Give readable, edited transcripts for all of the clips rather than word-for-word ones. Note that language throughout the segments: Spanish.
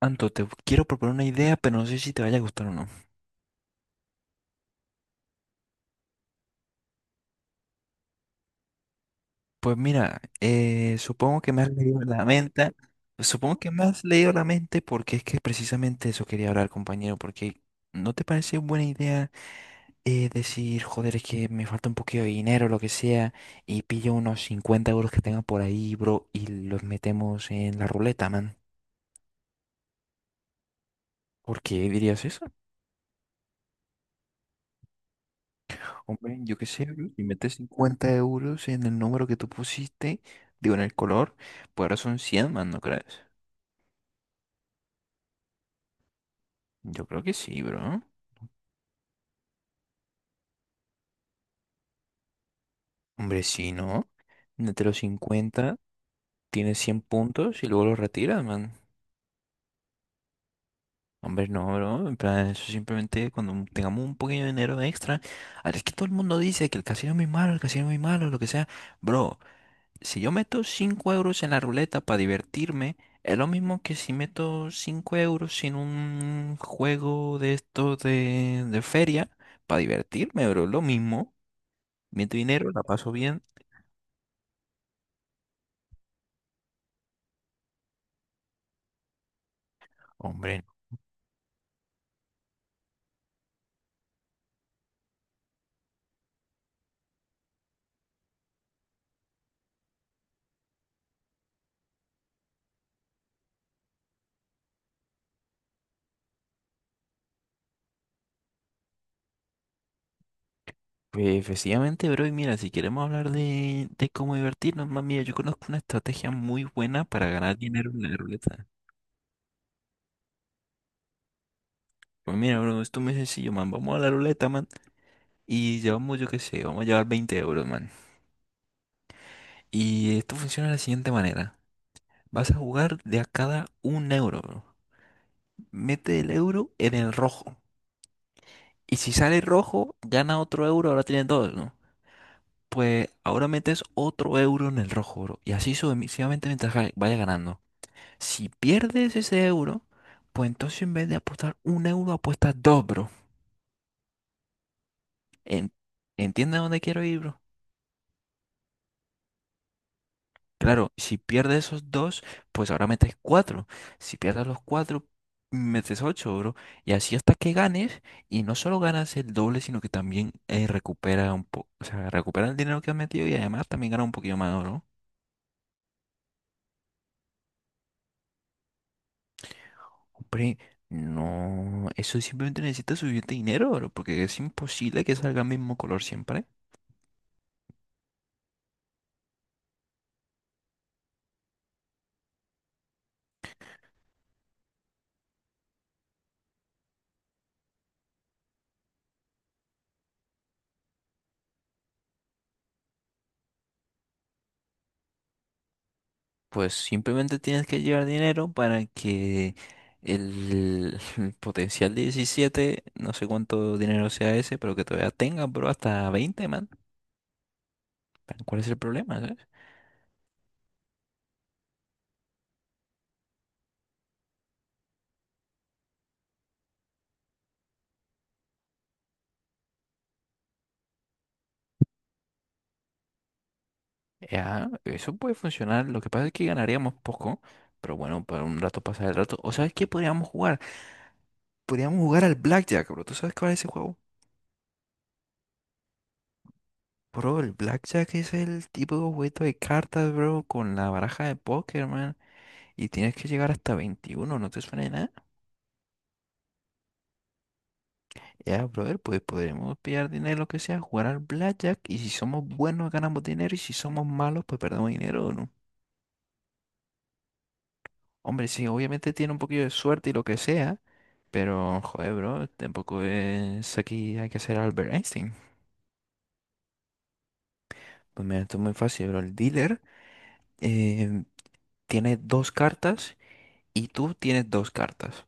Anto, te quiero proponer una idea, pero no sé si te vaya a gustar o no. Pues mira, supongo que me has leído la mente. Supongo que me has leído la mente porque es que precisamente eso quería hablar, compañero, porque ¿no te parece buena idea decir, joder, es que me falta un poquito de dinero, lo que sea, y pillo unos 50 euros que tenga por ahí, bro, y los metemos en la ruleta, man? ¿Por qué dirías eso? Hombre, yo qué sé, bro, si metes 50 euros en el número que tú pusiste, digo, en el color, pues ahora son 100 más, ¿no crees? Yo creo que sí, bro. Hombre, sí, ¿no? Mete los 50, tienes 100 puntos y luego los retiras, man. Hombre, no, bro. En plan, eso simplemente cuando tengamos un pequeño dinero extra. Ah, es que todo el mundo dice que el casino es muy malo, el casino es muy malo, lo que sea. Bro, si yo meto 5 euros en la ruleta para divertirme, es lo mismo que si meto 5 euros en un juego de estos de feria para divertirme, bro. Lo mismo. Meto dinero, la paso bien. Hombre, pues efectivamente, bro. Y mira, si queremos hablar de cómo divertirnos, más mía, yo conozco una estrategia muy buena para ganar dinero en la ruleta. Pues mira, bro, esto es muy sencillo, man. Vamos a la ruleta, man. Y llevamos, yo qué sé, vamos a llevar 20 euros, man. Y esto funciona de la siguiente manera. Vas a jugar de a cada un euro, bro. Mete el euro en el rojo. Y si sale rojo, gana otro euro, ahora tienes dos, ¿no? Pues ahora metes otro euro en el rojo, bro. Y así sucesivamente mientras vaya ganando. Si pierdes ese euro, pues entonces en vez de apostar un euro, apuestas dos, bro. En- ¿Entiendes a dónde quiero ir, bro? Claro, si pierdes esos dos, pues ahora metes cuatro. Si pierdes los cuatro, metes ocho, bro. Y así hasta que ganes, y no solo ganas el doble, sino que también recupera un poco, o sea, recupera el dinero que has metido y además también gana un poquillo más, bro. Hombre, no, eso simplemente necesita suficiente dinero, bro, porque es imposible que salga el mismo color siempre. Pues simplemente tienes que llevar dinero para que el, potencial 17, no sé cuánto dinero sea ese, pero que todavía tengan, bro, hasta 20, man. ¿Cuál es el problema, sabes? Ya, eso puede funcionar. Lo que pasa es que ganaríamos poco, pero bueno, para un rato pasar el rato. ¿O sabes qué podríamos jugar? Podríamos jugar al Blackjack, bro. ¿Tú sabes cuál es ese juego? Bro, el Blackjack es el tipo de juego de cartas, bro, con la baraja de póker, man. Y tienes que llegar hasta 21, ¿no te suena de nada? Ya, brother, pues podremos pillar dinero, lo que sea, jugar al blackjack y si somos buenos ganamos dinero y si somos malos pues perdemos dinero, ¿o ¿no? Hombre, sí, obviamente tiene un poquillo de suerte y lo que sea, pero joder, bro, tampoco es, aquí hay que ser Albert Einstein. Pues mira, esto es muy fácil, bro. El dealer eh, tiene dos cartas y tú tienes dos cartas.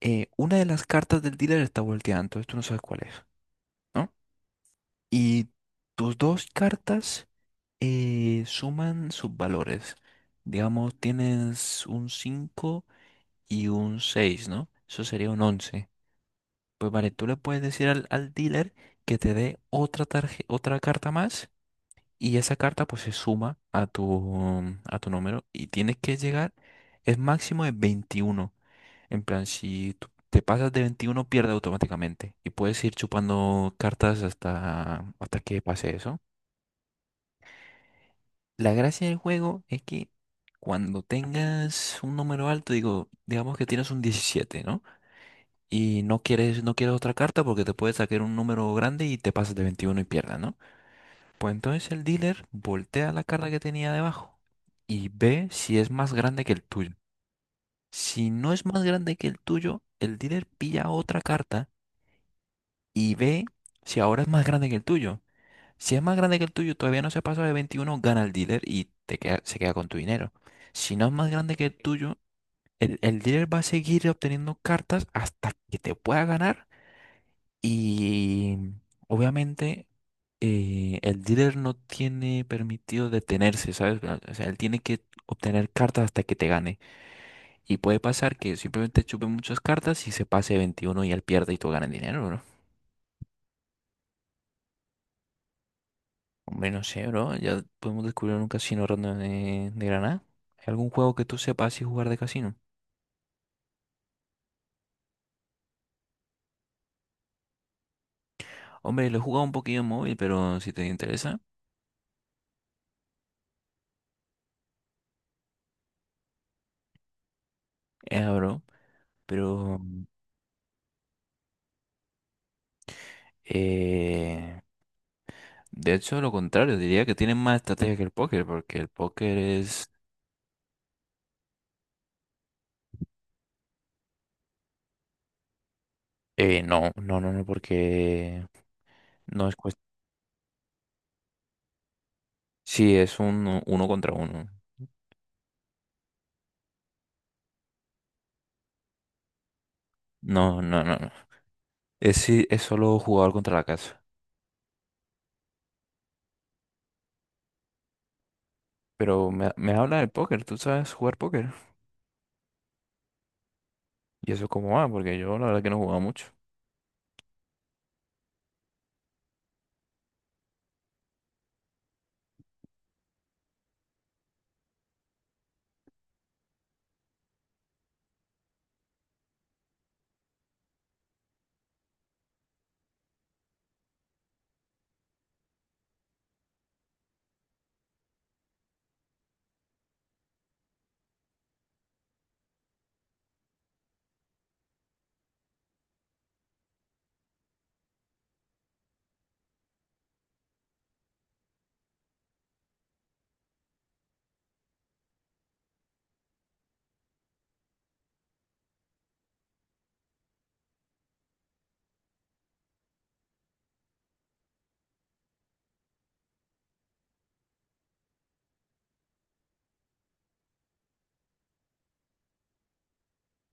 Una de las cartas del dealer está volteada, entonces tú no sabes cuál es, ¿no? Y tus dos cartas suman sus valores. Digamos, tienes un 5 y un seis, ¿no? Eso sería un 11. Pues vale, tú le puedes decir al, dealer que te dé otra carta más y esa carta pues se suma a tu número y tienes que llegar, es máximo de 21. En plan, si tú te pasas de 21 pierde automáticamente y puedes ir chupando cartas hasta que pase eso. La gracia del juego es que cuando tengas un número alto, digo, digamos que tienes un 17, ¿no? Y no quieres otra carta porque te puede sacar un número grande y te pasas de 21 y pierdas, ¿no? Pues entonces el dealer voltea la carta que tenía debajo y ve si es más grande que el tuyo. Si no es más grande que el tuyo, el dealer pilla otra carta y ve si ahora es más grande que el tuyo. Si es más grande que el tuyo, todavía no se pasa de 21, gana el dealer y te queda, se queda con tu dinero. Si no es más grande que el tuyo, el dealer va a seguir obteniendo cartas hasta que te pueda ganar. Y obviamente el dealer no tiene permitido detenerse, ¿sabes? O sea, él tiene que obtener cartas hasta que te gane. Y puede pasar que simplemente chupe muchas cartas y se pase de 21 y él pierde y tú ganas dinero, ¿no? Hombre, no sé, bro. Ya podemos descubrir un casino random de Granada. ¿Hay algún juego que tú sepas y jugar de casino? Hombre, lo he jugado un poquillo en móvil, pero si te interesa, es bro. Pero, eh, de hecho, lo contrario, diría que tienen más estrategia que el póker, porque el póker es... No, no, no, no, porque no es cuestión... Sí, es un uno contra uno. No, no, no, no. Sí, es solo jugador contra la casa. Pero me habla del póker, ¿tú sabes jugar póker? ¿Y eso cómo va? Porque yo la verdad que no jugaba mucho.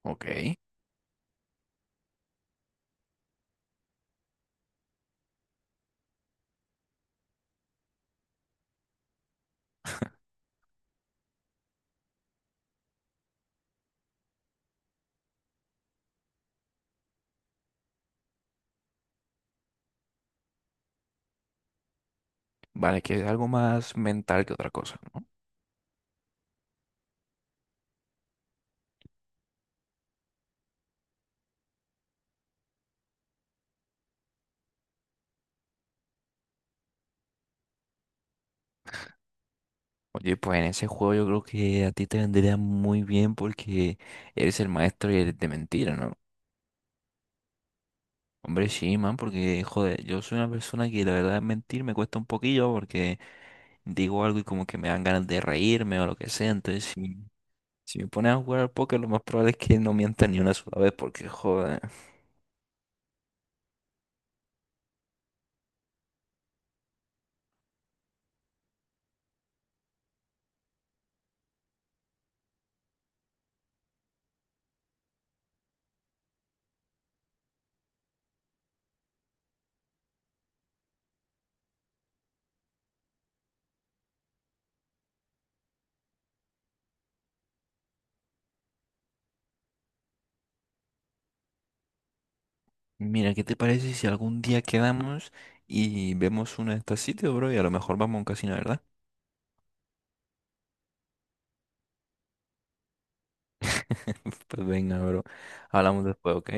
Ok. Vale, que es algo más mental que otra cosa, ¿no? Oye, pues en ese juego yo creo que a ti te vendría muy bien porque eres el maestro y eres de mentira, ¿no? Hombre, sí, man, porque, joder, yo soy una persona que la verdad mentir me cuesta un poquillo porque digo algo y como que me dan ganas de reírme o lo que sea. Entonces, si me pones a jugar al póker, lo más probable es que no mienta ni una sola vez porque, joder. Mira, ¿qué te parece si algún día quedamos y vemos uno de estos sitios, bro? Y a lo mejor vamos a un casino, ¿verdad? Pues venga, bro. Hablamos después, ¿ok?